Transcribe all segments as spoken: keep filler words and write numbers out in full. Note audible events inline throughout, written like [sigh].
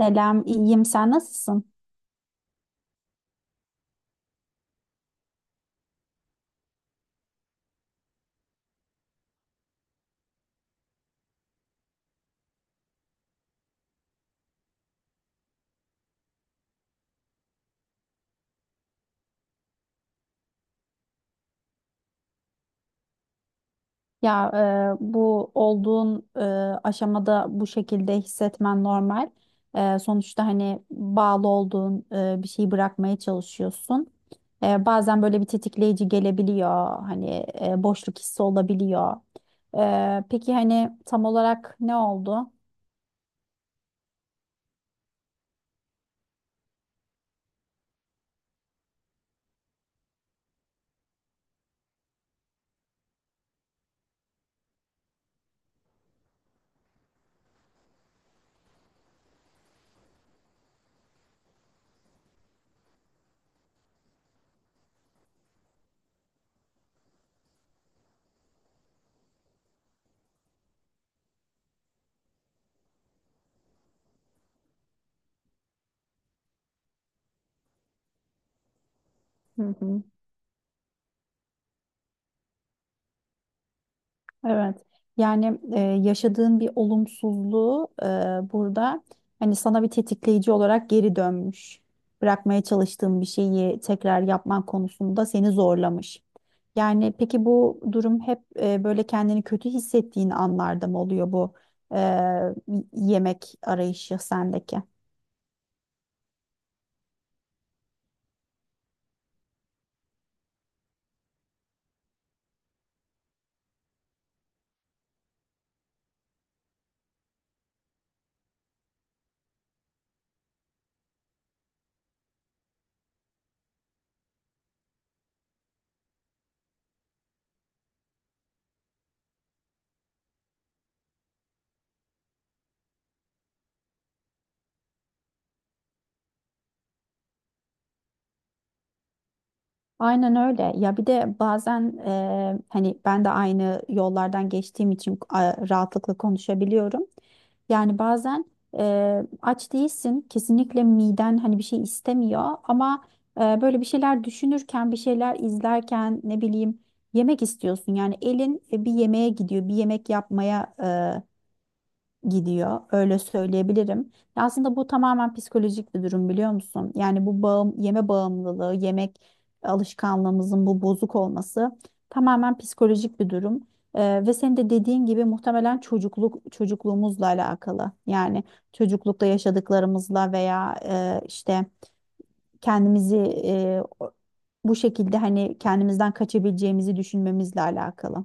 Selam, iyiyim. Sen nasılsın? Ya e, bu olduğun e, aşamada bu şekilde hissetmen normal. E, sonuçta hani bağlı olduğun e, bir şeyi bırakmaya çalışıyorsun. E, bazen böyle bir tetikleyici gelebiliyor. Hani e, boşluk hissi olabiliyor. E, peki hani tam olarak ne oldu? Hı hı. Evet. Yani e, yaşadığın bir olumsuzluğu e, burada hani sana bir tetikleyici olarak geri dönmüş. Bırakmaya çalıştığın bir şeyi tekrar yapman konusunda seni zorlamış. Yani peki bu durum hep e, böyle kendini kötü hissettiğin anlarda mı oluyor bu e, yemek arayışı sendeki? Aynen öyle. Ya bir de bazen e, hani ben de aynı yollardan geçtiğim için e, rahatlıkla konuşabiliyorum. Yani bazen e, aç değilsin, kesinlikle miden hani bir şey istemiyor ama e, böyle bir şeyler düşünürken, bir şeyler izlerken ne bileyim yemek istiyorsun. Yani elin e, bir yemeğe gidiyor, bir yemek yapmaya gidiyor. Öyle söyleyebilirim. Ya aslında bu tamamen psikolojik bir durum biliyor musun? Yani bu bağım, yeme bağımlılığı, yemek alışkanlığımızın bu bozuk olması tamamen psikolojik bir durum. Ee, ve senin de dediğin gibi muhtemelen çocukluk çocukluğumuzla alakalı. Yani çocuklukta yaşadıklarımızla veya e, işte kendimizi e, o- bu şekilde hani kendimizden kaçabileceğimizi düşünmemizle alakalı.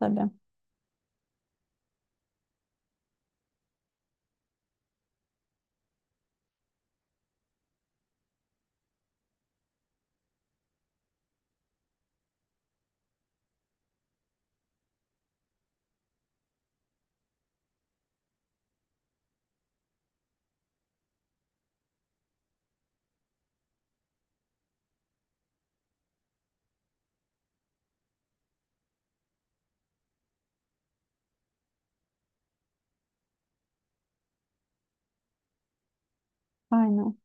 Tabii. Aynen.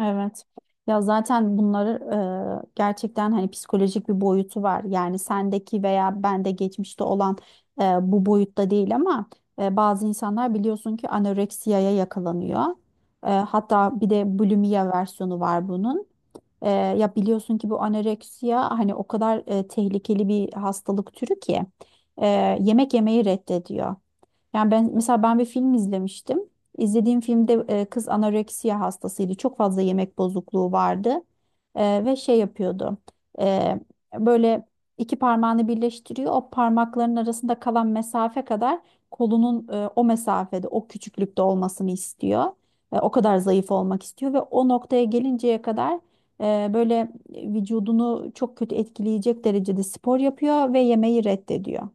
Evet. Ya zaten bunları e, gerçekten hani psikolojik bir boyutu var. Yani sendeki veya bende geçmişte olan e, bu boyutta değil ama e, bazı insanlar biliyorsun ki anoreksiyaya yakalanıyor. E, hatta bir de bulimiya versiyonu var bunun. E, ya biliyorsun ki bu anoreksiya hani o kadar e, tehlikeli bir hastalık türü ki e, yemek yemeyi reddediyor. Yani ben mesela ben bir film izlemiştim. İzlediğim filmde e, kız anoreksiya hastasıydı. Çok fazla yemek bozukluğu vardı. E, ve şey yapıyordu. E, Böyle iki parmağını birleştiriyor. O parmakların arasında kalan mesafe kadar kolunun e, o mesafede, o küçüklükte olmasını istiyor. E, o kadar zayıf olmak istiyor ve o noktaya gelinceye kadar e, böyle vücudunu çok kötü etkileyecek derecede spor yapıyor ve yemeği reddediyor.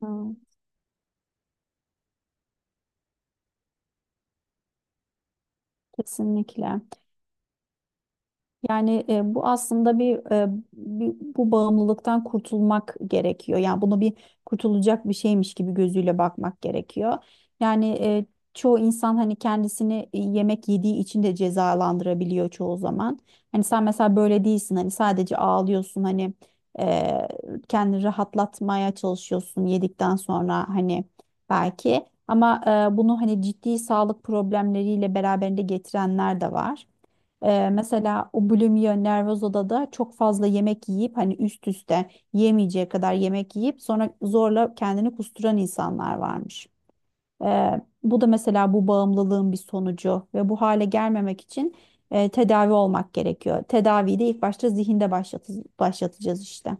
Hmm. Kesinlikle. Yani e, bu aslında bir, e, bir- bu bağımlılıktan kurtulmak gerekiyor. Yani bunu bir kurtulacak bir şeymiş gibi gözüyle bakmak gerekiyor. Yani e, çoğu insan hani kendisini e, yemek yediği için de cezalandırabiliyor çoğu zaman. Hani sen mesela böyle değilsin. Hani sadece ağlıyorsun. Hani e, kendini rahatlatmaya çalışıyorsun yedikten sonra hani belki. Ama e, bunu hani ciddi sağlık problemleriyle beraberinde getirenler de var. Ee, mesela bulimia nervoza da çok fazla yemek yiyip hani üst üste yemeyeceği kadar yemek yiyip sonra zorla kendini kusturan insanlar varmış. Ee, bu da mesela bu bağımlılığın bir sonucu ve bu hale gelmemek için e, tedavi olmak gerekiyor. Tedaviyi de ilk başta zihinde başlatı başlatacağız işte.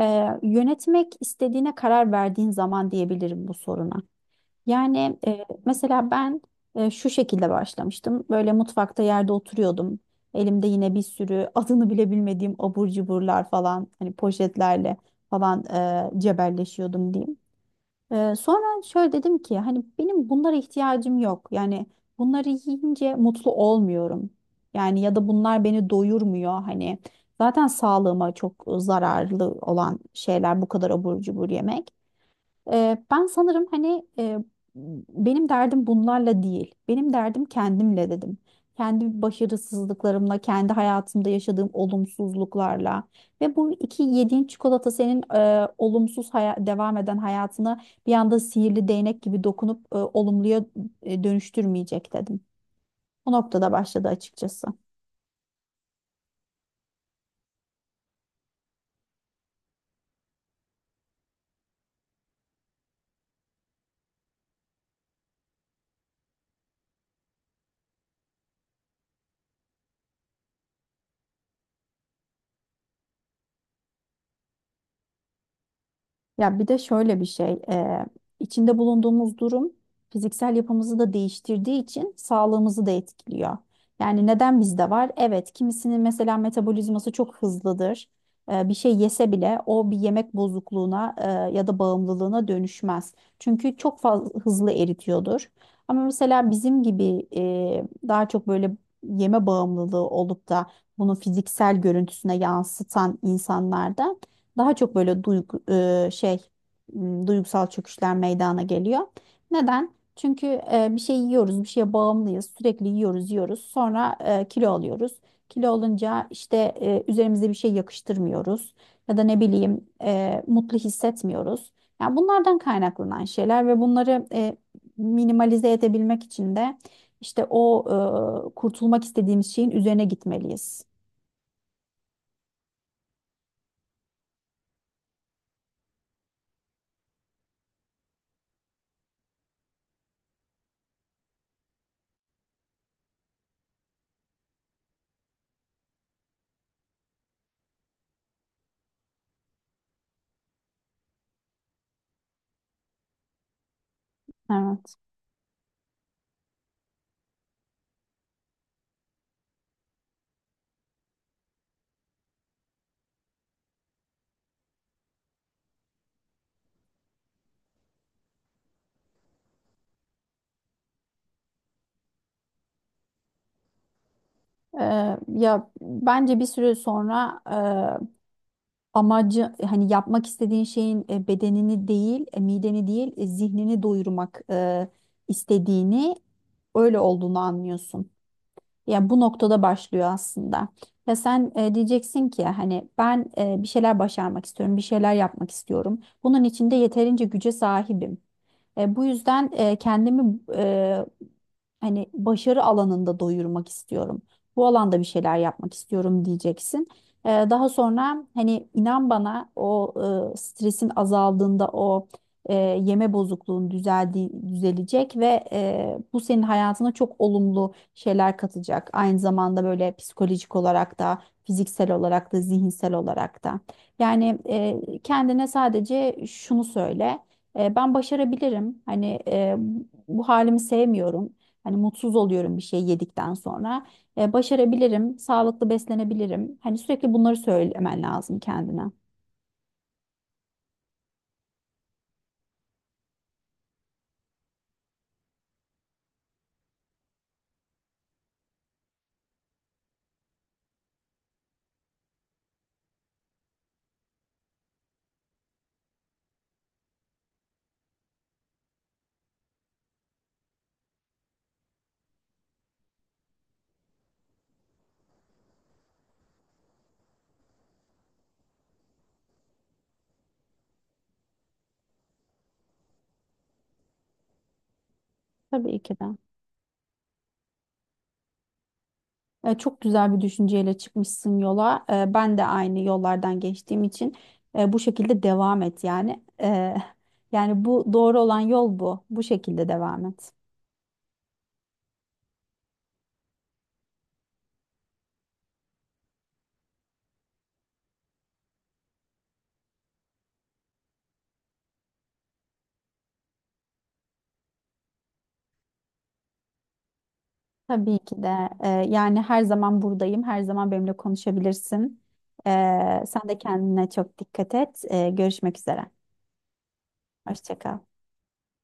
Ee, yönetmek istediğine karar verdiğin zaman diyebilirim bu soruna. Yani e, mesela ben e, şu şekilde başlamıştım. Böyle mutfakta yerde oturuyordum. Elimde yine bir sürü [laughs] adını bile bilmediğim abur cuburlar falan hani poşetlerle falan e, cebelleşiyordum diyeyim. E, sonra şöyle dedim ki hani benim bunlara ihtiyacım yok. Yani bunları yiyince mutlu olmuyorum. Yani ya da bunlar beni doyurmuyor hani. Zaten sağlığıma çok zararlı olan şeyler bu kadar abur cubur yemek. Ee, ben sanırım hani e, benim derdim bunlarla değil. Benim derdim kendimle dedim. Kendi başarısızlıklarımla, kendi hayatımda yaşadığım olumsuzluklarla ve bu iki yediğin çikolata senin e, olumsuz haya- devam eden hayatını bir anda sihirli değnek gibi dokunup e, olumluya e, dönüştürmeyecek dedim. O noktada başladı açıkçası. Ya bir de şöyle bir şey, eee, içinde bulunduğumuz durum fiziksel yapımızı da değiştirdiği için sağlığımızı da etkiliyor. Yani neden bizde var? Evet, kimisinin mesela metabolizması çok hızlıdır. Eee, bir şey yese bile o bir yemek bozukluğuna eee, ya da bağımlılığına dönüşmez. Çünkü çok fazla hızlı eritiyordur. Ama mesela bizim gibi eee, daha çok böyle yeme bağımlılığı olup da bunu fiziksel görüntüsüne yansıtan insanlarda daha çok böyle duygu, e, şey m, duygusal çöküşler meydana geliyor. Neden? Çünkü e, bir şey yiyoruz, bir şeye bağımlıyız. Sürekli yiyoruz, yiyoruz. Sonra e, kilo alıyoruz. Kilo olunca işte e, üzerimize bir şey yakıştırmıyoruz ya da ne bileyim e, mutlu hissetmiyoruz. Yani bunlardan kaynaklanan şeyler ve bunları e, minimalize edebilmek için de işte o e, kurtulmak istediğimiz şeyin üzerine gitmeliyiz. Evet. Ee, ya bence bir süre sonra e, amacı hani yapmak istediğin şeyin e, bedenini değil, e, mideni değil, e, zihnini doyurmak e, istediğini öyle olduğunu anlıyorsun. Ya bu noktada başlıyor aslında. Ya sen e, diyeceksin ki hani ben e, bir şeyler başarmak istiyorum, bir şeyler yapmak istiyorum. Bunun için de yeterince güce sahibim. E, bu yüzden e, kendimi e, hani başarı alanında doyurmak istiyorum. Bu alanda bir şeyler yapmak istiyorum diyeceksin. Ee, daha sonra hani inan bana o e, stresin azaldığında o e, yeme bozukluğun düzeldi, düzelecek ve e, bu senin hayatına çok olumlu şeyler katacak. Aynı zamanda böyle psikolojik olarak da fiziksel olarak da zihinsel olarak da. Yani e, kendine sadece şunu söyle. E, ben başarabilirim. Hani e, bu halimi sevmiyorum. Hani mutsuz oluyorum bir şey yedikten sonra. E, başarabilirim, sağlıklı beslenebilirim. Hani sürekli bunları söylemen lazım kendine. Tabii ki de. E, çok güzel bir düşünceyle çıkmışsın yola. E, ben de aynı yollardan geçtiğim için e, bu şekilde devam et yani. E, yani bu doğru olan yol bu. Bu şekilde devam et. Tabii ki de. Ee, yani her zaman buradayım. Her zaman benimle konuşabilirsin. Ee, sen de kendine çok dikkat et. Ee, görüşmek üzere. Hoşça kal.